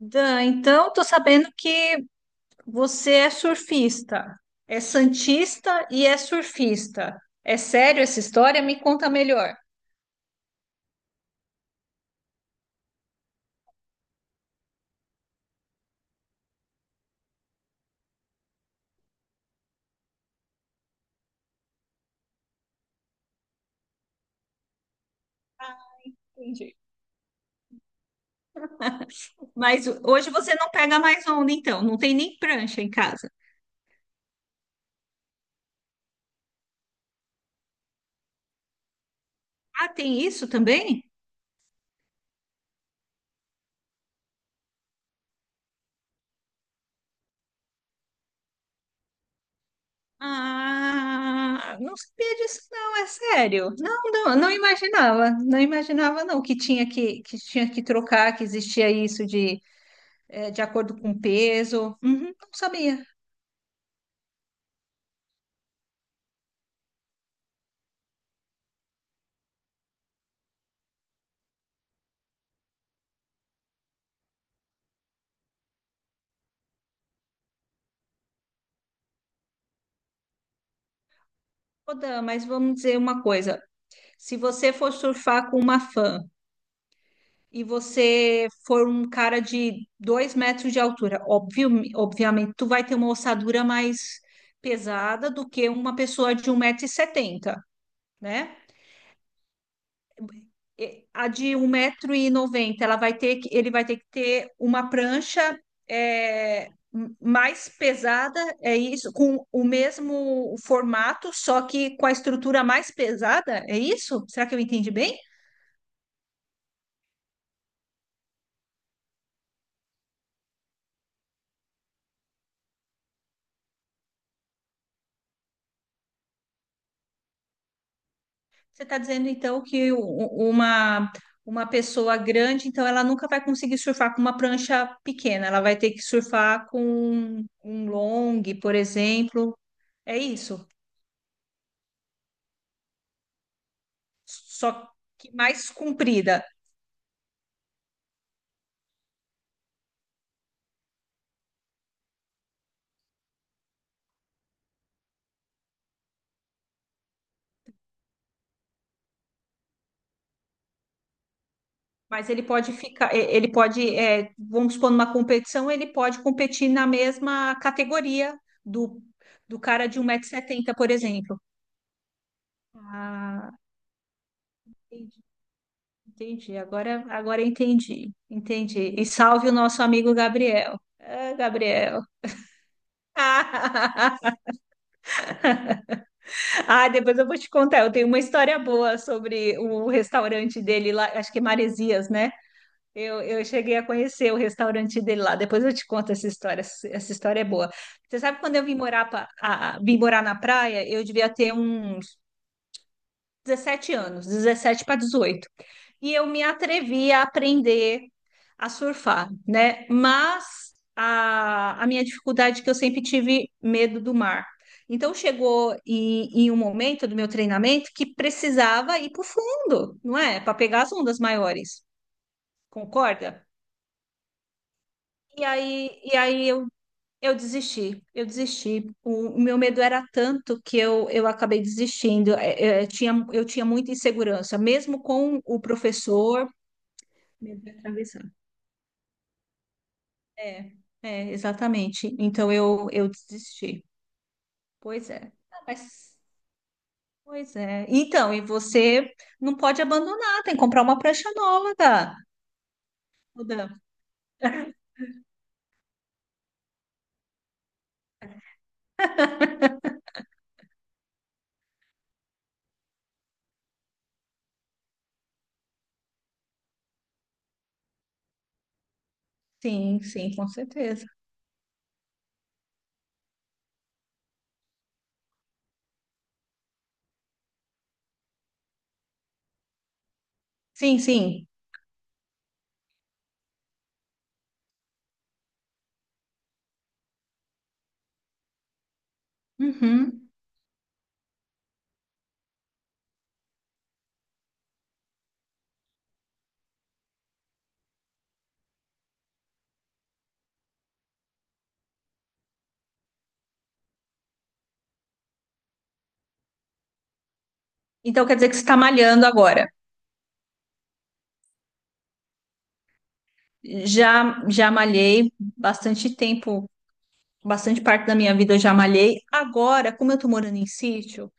Dan, então tô sabendo que você é surfista, é santista e é surfista. É sério essa história? Me conta melhor. Entendi. Mas hoje você não pega mais onda, então, não tem nem prancha em casa. Ah, tem isso também? Ah, não sabia disso, não, é sério. Não, não, não imaginava não que tinha que trocar, que existia isso de acordo com o peso. Uhum, não sabia. Ô, Dan, mas vamos dizer uma coisa: se você for surfar com uma fã e você for um cara de 2 metros de altura, óbvio, obviamente, tu vai ter uma ossadura mais pesada do que uma pessoa de um metro e setenta, né? E A de um metro e noventa, ela vai ter que, ele vai ter que ter uma prancha mais pesada, é isso? Com o mesmo formato, só que com a estrutura mais pesada, é isso? Será que eu entendi bem? Você está dizendo então que uma pessoa grande, então ela nunca vai conseguir surfar com uma prancha pequena, ela vai ter que surfar com um long, por exemplo. É isso. Só que mais comprida. Ele pode, vamos supor, numa competição, ele pode competir na mesma categoria do, do cara de um 170 setenta, por exemplo. Ah, entendi. Entendi, agora entendi, entendi. E salve o nosso amigo Gabriel. Ah, Gabriel. Ah, depois eu vou te contar. Eu tenho uma história boa sobre o restaurante dele lá, acho que é Maresias, né? Eu cheguei a conhecer o restaurante dele lá. Depois eu te conto essa história. Essa história é boa. Você sabe quando eu vim morar, vim morar na praia? Eu devia ter uns 17 anos, 17 para 18. E eu me atrevi a aprender a surfar, né? Mas a minha dificuldade é que eu sempre tive medo do mar. Então chegou em um momento do meu treinamento que precisava ir para o fundo, não é? Para pegar as ondas maiores, concorda? E aí eu desisti, eu desisti. O meu medo era tanto que eu acabei desistindo. É, é, eu tinha muita insegurança, mesmo com o professor. É, é, exatamente. Então eu desisti. Pois é. Ah, mas, pois é. Então, e você não pode abandonar, tem que comprar uma prancha nova, cara. Ô, Dan. Sim, sim, com certeza. Sim, sim. Uhum. Então quer dizer que você está malhando agora. Já malhei bastante tempo, bastante parte da minha vida eu já malhei. Agora, como eu estou morando em sítio,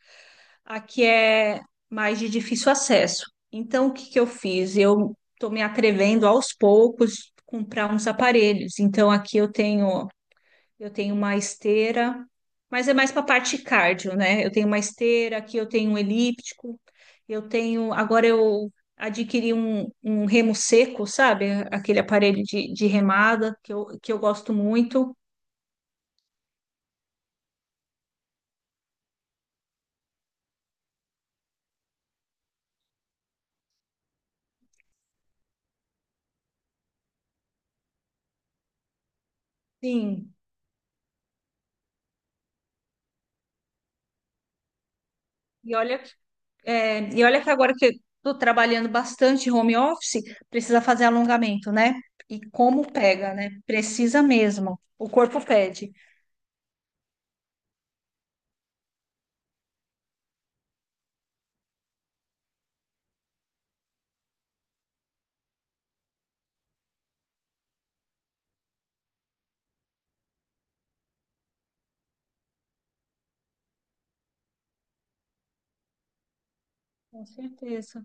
aqui é mais de difícil acesso. Então, o que que eu fiz? Eu estou me atrevendo aos poucos comprar uns aparelhos. Então, aqui eu tenho uma esteira, mas é mais para a parte cardio, né? Eu tenho uma esteira, aqui eu tenho um elíptico, eu tenho. Agora eu adquiri um remo seco, sabe? Aquele aparelho de remada que eu gosto muito. Sim. E olha e olha que agora que eu estou trabalhando bastante home office, precisa fazer alongamento, né? E como pega, né? Precisa mesmo. O corpo pede. Com certeza.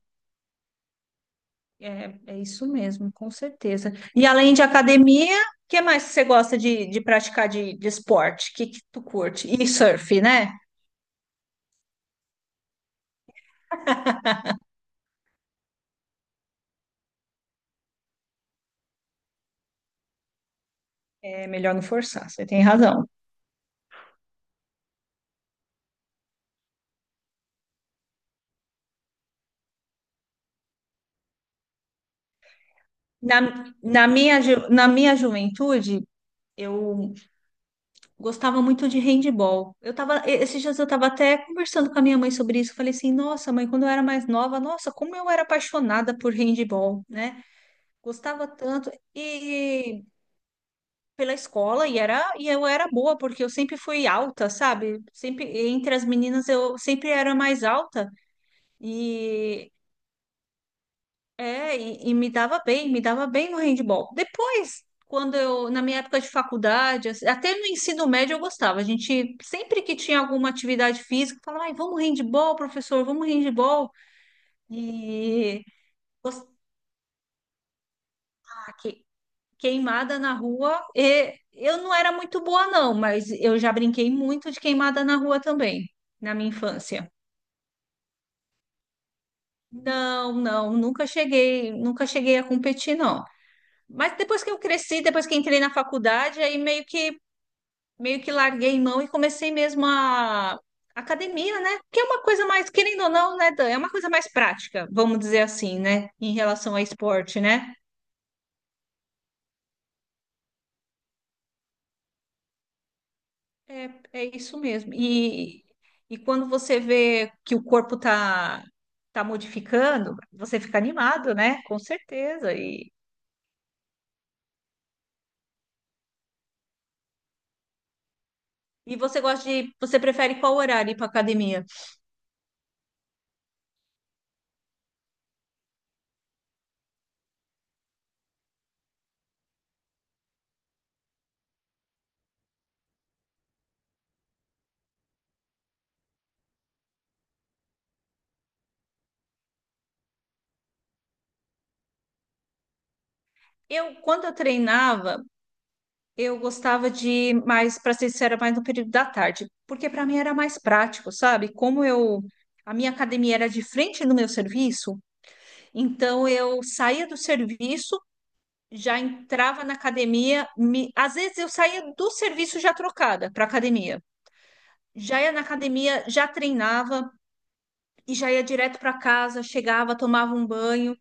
É, é isso mesmo, com certeza. E além de academia, o que mais que você gosta de praticar de esporte? O que, que tu curte? E surf, né? É melhor não forçar, você tem razão. Na minha juventude, eu gostava muito de handball. Esses dias eu tava até conversando com a minha mãe sobre isso. Falei assim, nossa, mãe, quando eu era mais nova, nossa, como eu era apaixonada por handball, né? Gostava tanto. E pela escola, e eu era boa, porque eu sempre fui alta, sabe? Sempre, entre as meninas, eu sempre era mais alta. E e me dava bem no handball. Depois, na minha época de faculdade, assim, até no ensino médio eu gostava. A gente, sempre que tinha alguma atividade física, falava, ai, vamos handball, professor, vamos handball. E gostava, que, queimada na rua. E eu não era muito boa, não, mas eu já brinquei muito de queimada na rua também, na minha infância. Não, não, nunca cheguei a competir, não. Mas depois que eu cresci, depois que entrei na faculdade, aí meio que larguei mão e comecei mesmo a academia, né? Que é uma coisa mais, querendo ou não, né, Dan? É uma coisa mais prática, vamos dizer assim, né? Em relação a esporte, né? É, é isso mesmo. E quando você vê que o corpo tá modificando, você fica animado, né? Com certeza. E você gosta você prefere qual horário ir para academia? Quando eu treinava, eu gostava de mais, para ser sincera, mais no período da tarde, porque para mim era mais prático, sabe? Como eu a minha academia era de frente no meu serviço, então eu saía do serviço, já entrava na academia, às vezes eu saía do serviço já trocada para academia. Já ia na academia, já treinava e já ia direto para casa, chegava, tomava um banho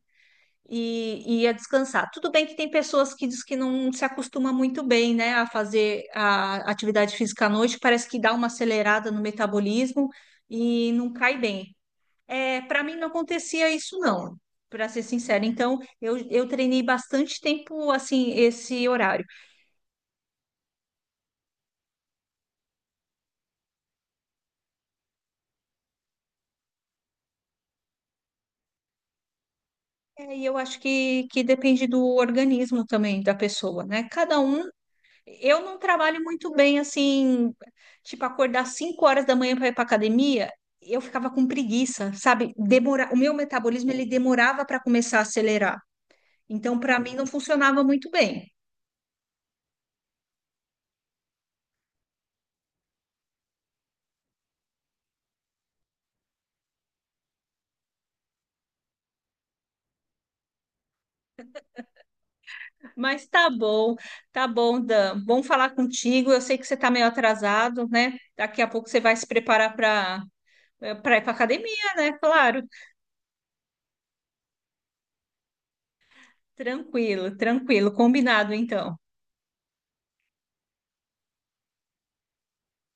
e ia descansar. Tudo bem que tem pessoas que diz que não se acostuma muito bem, né, a fazer a atividade física à noite, parece que dá uma acelerada no metabolismo e não cai bem. É, para mim não acontecia isso não, para ser sincera. Então, eu treinei bastante tempo assim esse horário. É, e eu acho que depende do organismo também da pessoa, né? Cada um. Eu não trabalho muito bem assim, tipo, acordar 5 horas da manhã para ir para academia. Eu ficava com preguiça, sabe? O meu metabolismo ele demorava para começar a acelerar. Então, para mim, não funcionava muito bem. Mas tá bom, Dan. Bom falar contigo. Eu sei que você tá meio atrasado, né? Daqui a pouco você vai se preparar para ir para academia, né? Claro. Tranquilo, tranquilo. Combinado, então.